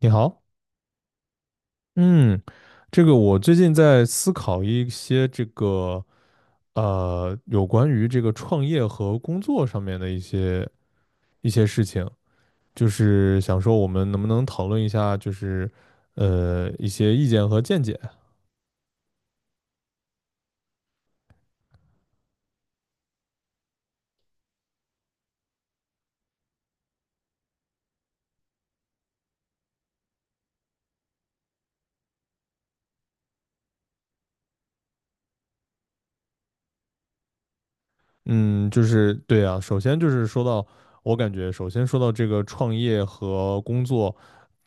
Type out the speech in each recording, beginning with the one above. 你好，嗯，这个我最近在思考一些这个有关于这个创业和工作上面的一些事情，就是想说我们能不能讨论一下，就是一些意见和见解。嗯，就是对啊，首先就是说到，我感觉首先说到这个创业和工作，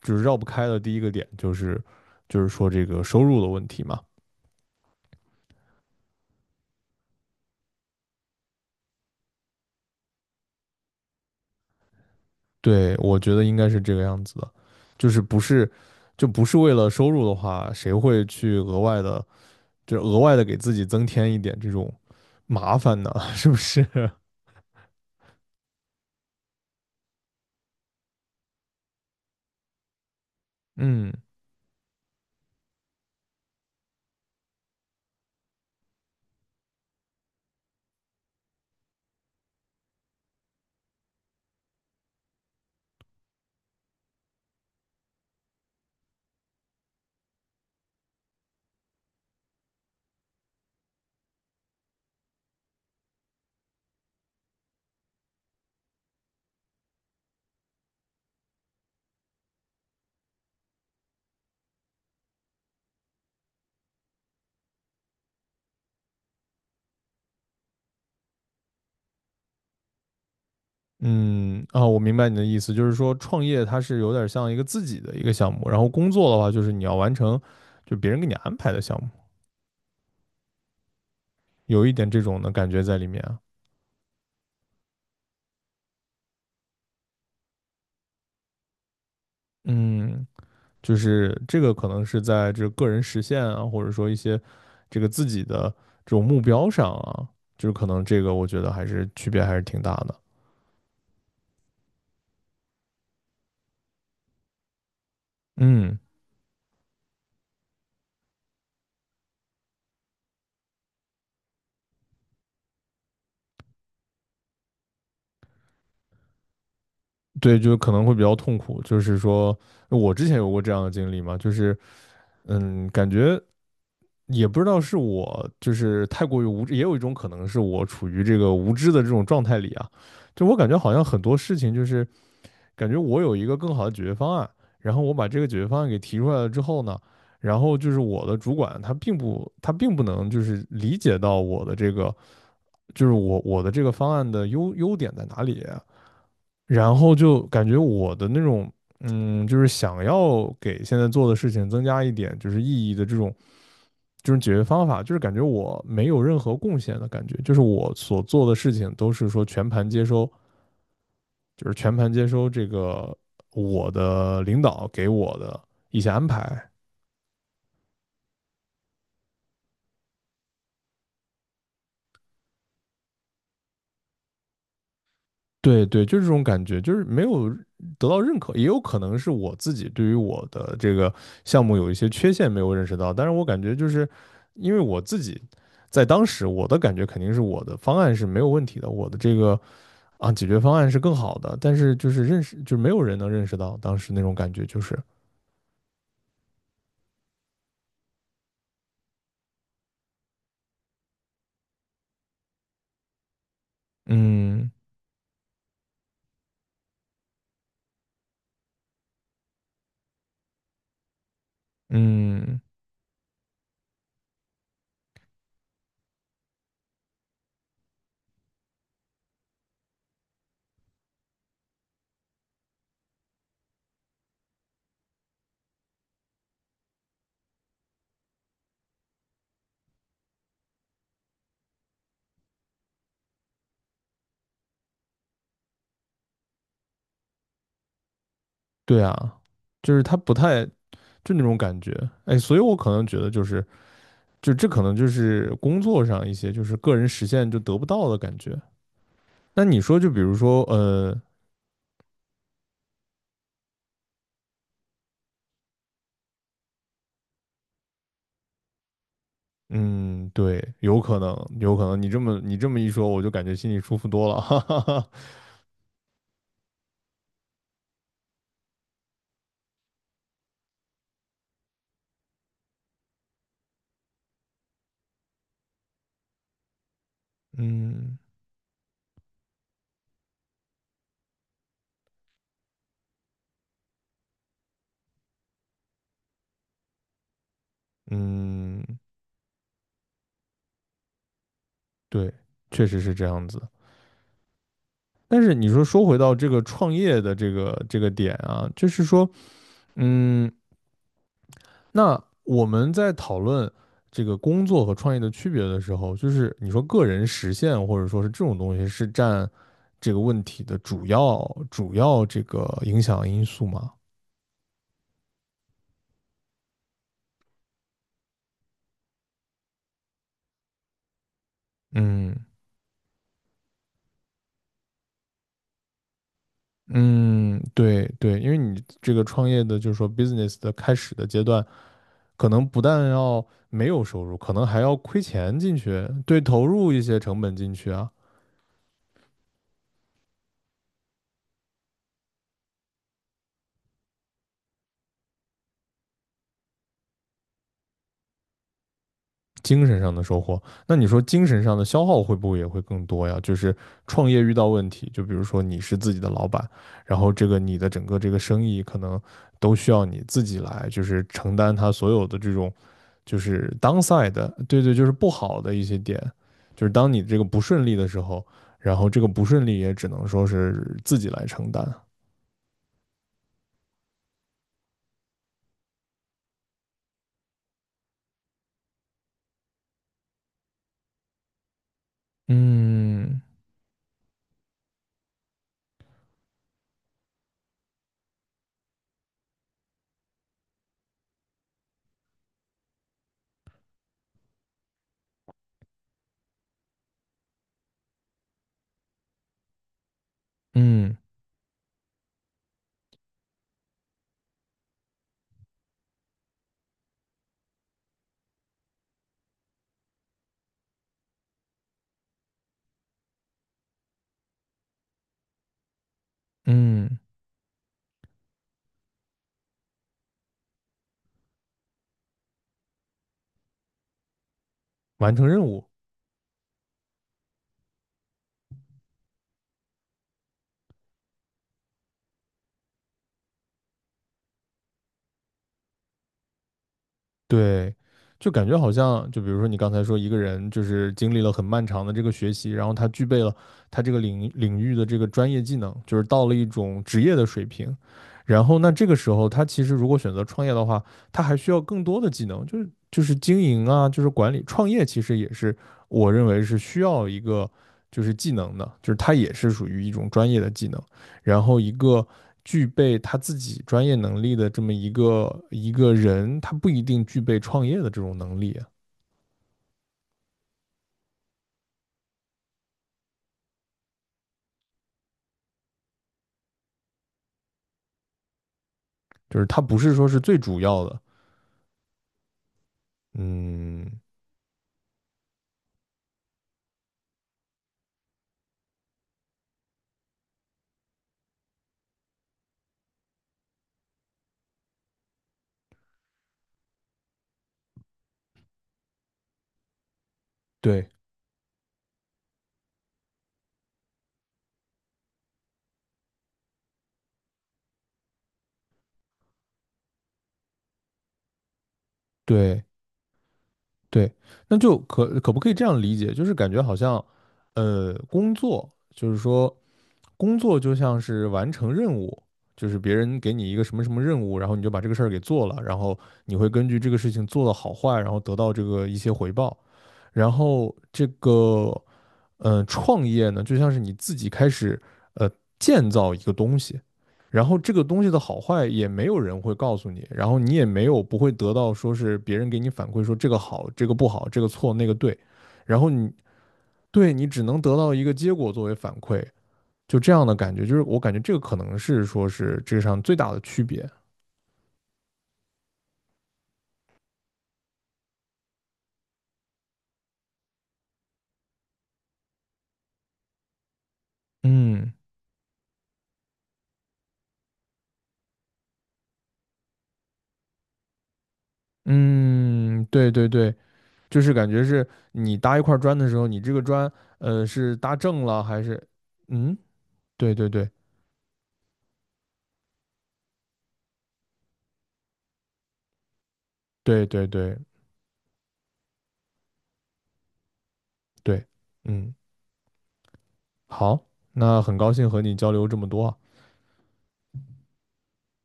就是绕不开的第一个点就是说这个收入的问题嘛。对，我觉得应该是这个样子的，就是不是，就不是为了收入的话，谁会去额外的，就额外的给自己增添一点这种麻烦呢？是不是？嗯嗯啊，我明白你的意思，就是说创业它是有点像一个自己的一个项目，然后工作的话就是你要完成，就别人给你安排的项目，有一点这种的感觉在里面啊。嗯，就是这个可能是在这个个人实现啊，或者说一些这个自己的这种目标上啊，就是可能这个我觉得还是区别还是挺大的。嗯，对，就可能会比较痛苦。就是说我之前有过这样的经历嘛，就是感觉也不知道是我就是太过于无知，也有一种可能是我处于这个无知的这种状态里啊，就我感觉好像很多事情就是。感觉我有一个更好的解决方案，然后我把这个解决方案给提出来了之后呢，然后就是我的主管他并不能就是理解到我的这个就是我的这个方案的优点在哪里啊，然后就感觉我的那种就是想要给现在做的事情增加一点就是意义的这种。这种解决方法，就是感觉我没有任何贡献的感觉，就是我所做的事情都是说全盘接收这个我的领导给我的一些安排。对对，就是这种感觉，就是没有得到认可，也有可能是我自己对于我的这个项目有一些缺陷没有认识到，但是我感觉就是因为我自己在当时我的感觉肯定是我的方案是没有问题的，我的这个解决方案是更好的，但是就是认识就是没有人能认识到当时那种感觉，就是嗯嗯，对啊，就是他不太，就那种感觉，哎，所以我可能觉得就是，就这可能就是工作上一些就是个人实现就得不到的感觉。那你说，就比如说，嗯，对，有可能，有可能，你这么一说，我就感觉心里舒服多了，哈哈哈。嗯嗯，对，确实是这样子。但是你说回到这个创业的这个点啊，就是说，嗯，那我们在讨论这个工作和创业的区别的时候，就是你说个人实现或者说是这种东西是占这个问题的主要这个影响因素吗？嗯嗯，对对，因为你这个创业的就是说 business 的开始的阶段，可能不但要没有收入，可能还要亏钱进去，对，投入一些成本进去啊。精神上的收获。那你说精神上的消耗会不会也会更多呀？就是创业遇到问题，就比如说你是自己的老板，然后这个你的整个这个生意可能都需要你自己来，就是承担它所有的这种就是 downside 的，对对，就是不好的一些点，就是当你这个不顺利的时候，然后这个不顺利也只能说是自己来承担，嗯嗯嗯完成任务。对，就感觉好像，就比如说你刚才说一个人就是经历了很漫长的这个学习，然后他具备了他这个领域的这个专业技能，就是到了一种职业的水平，然后那这个时候他其实如果选择创业的话，他还需要更多的技能，就是经营啊，就是管理，创业其实也是我认为是需要一个就是技能的，就是它也是属于一种专业的技能。然后一个具备他自己专业能力的这么一个人，他不一定具备创业的这种能力，就是他不是说是最主要的。嗯，对对对，那就可不可以这样理解？就是感觉好像，工作就是说工作就像是完成任务。就是别人给你一个什么什么任务，然后你就把这个事儿给做了，然后你会根据这个事情做的好坏，然后得到这个一些回报。然后这个创业呢，就像是你自己开始呃建造一个东西，然后这个东西的好坏也没有人会告诉你，然后你也没有不会得到说是别人给你反馈说这个好，这个不好，这个错，那个对，然后你对你只能得到一个结果作为反馈，就这样的感觉，就是我感觉这个可能是说是这上最大的区别。嗯嗯，对对对，就是感觉是你搭一块砖的时候，你这个砖是搭正了还是嗯？对对对对对对对，嗯，好，那很高兴和你交流这么多啊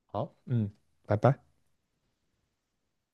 好，嗯，拜拜。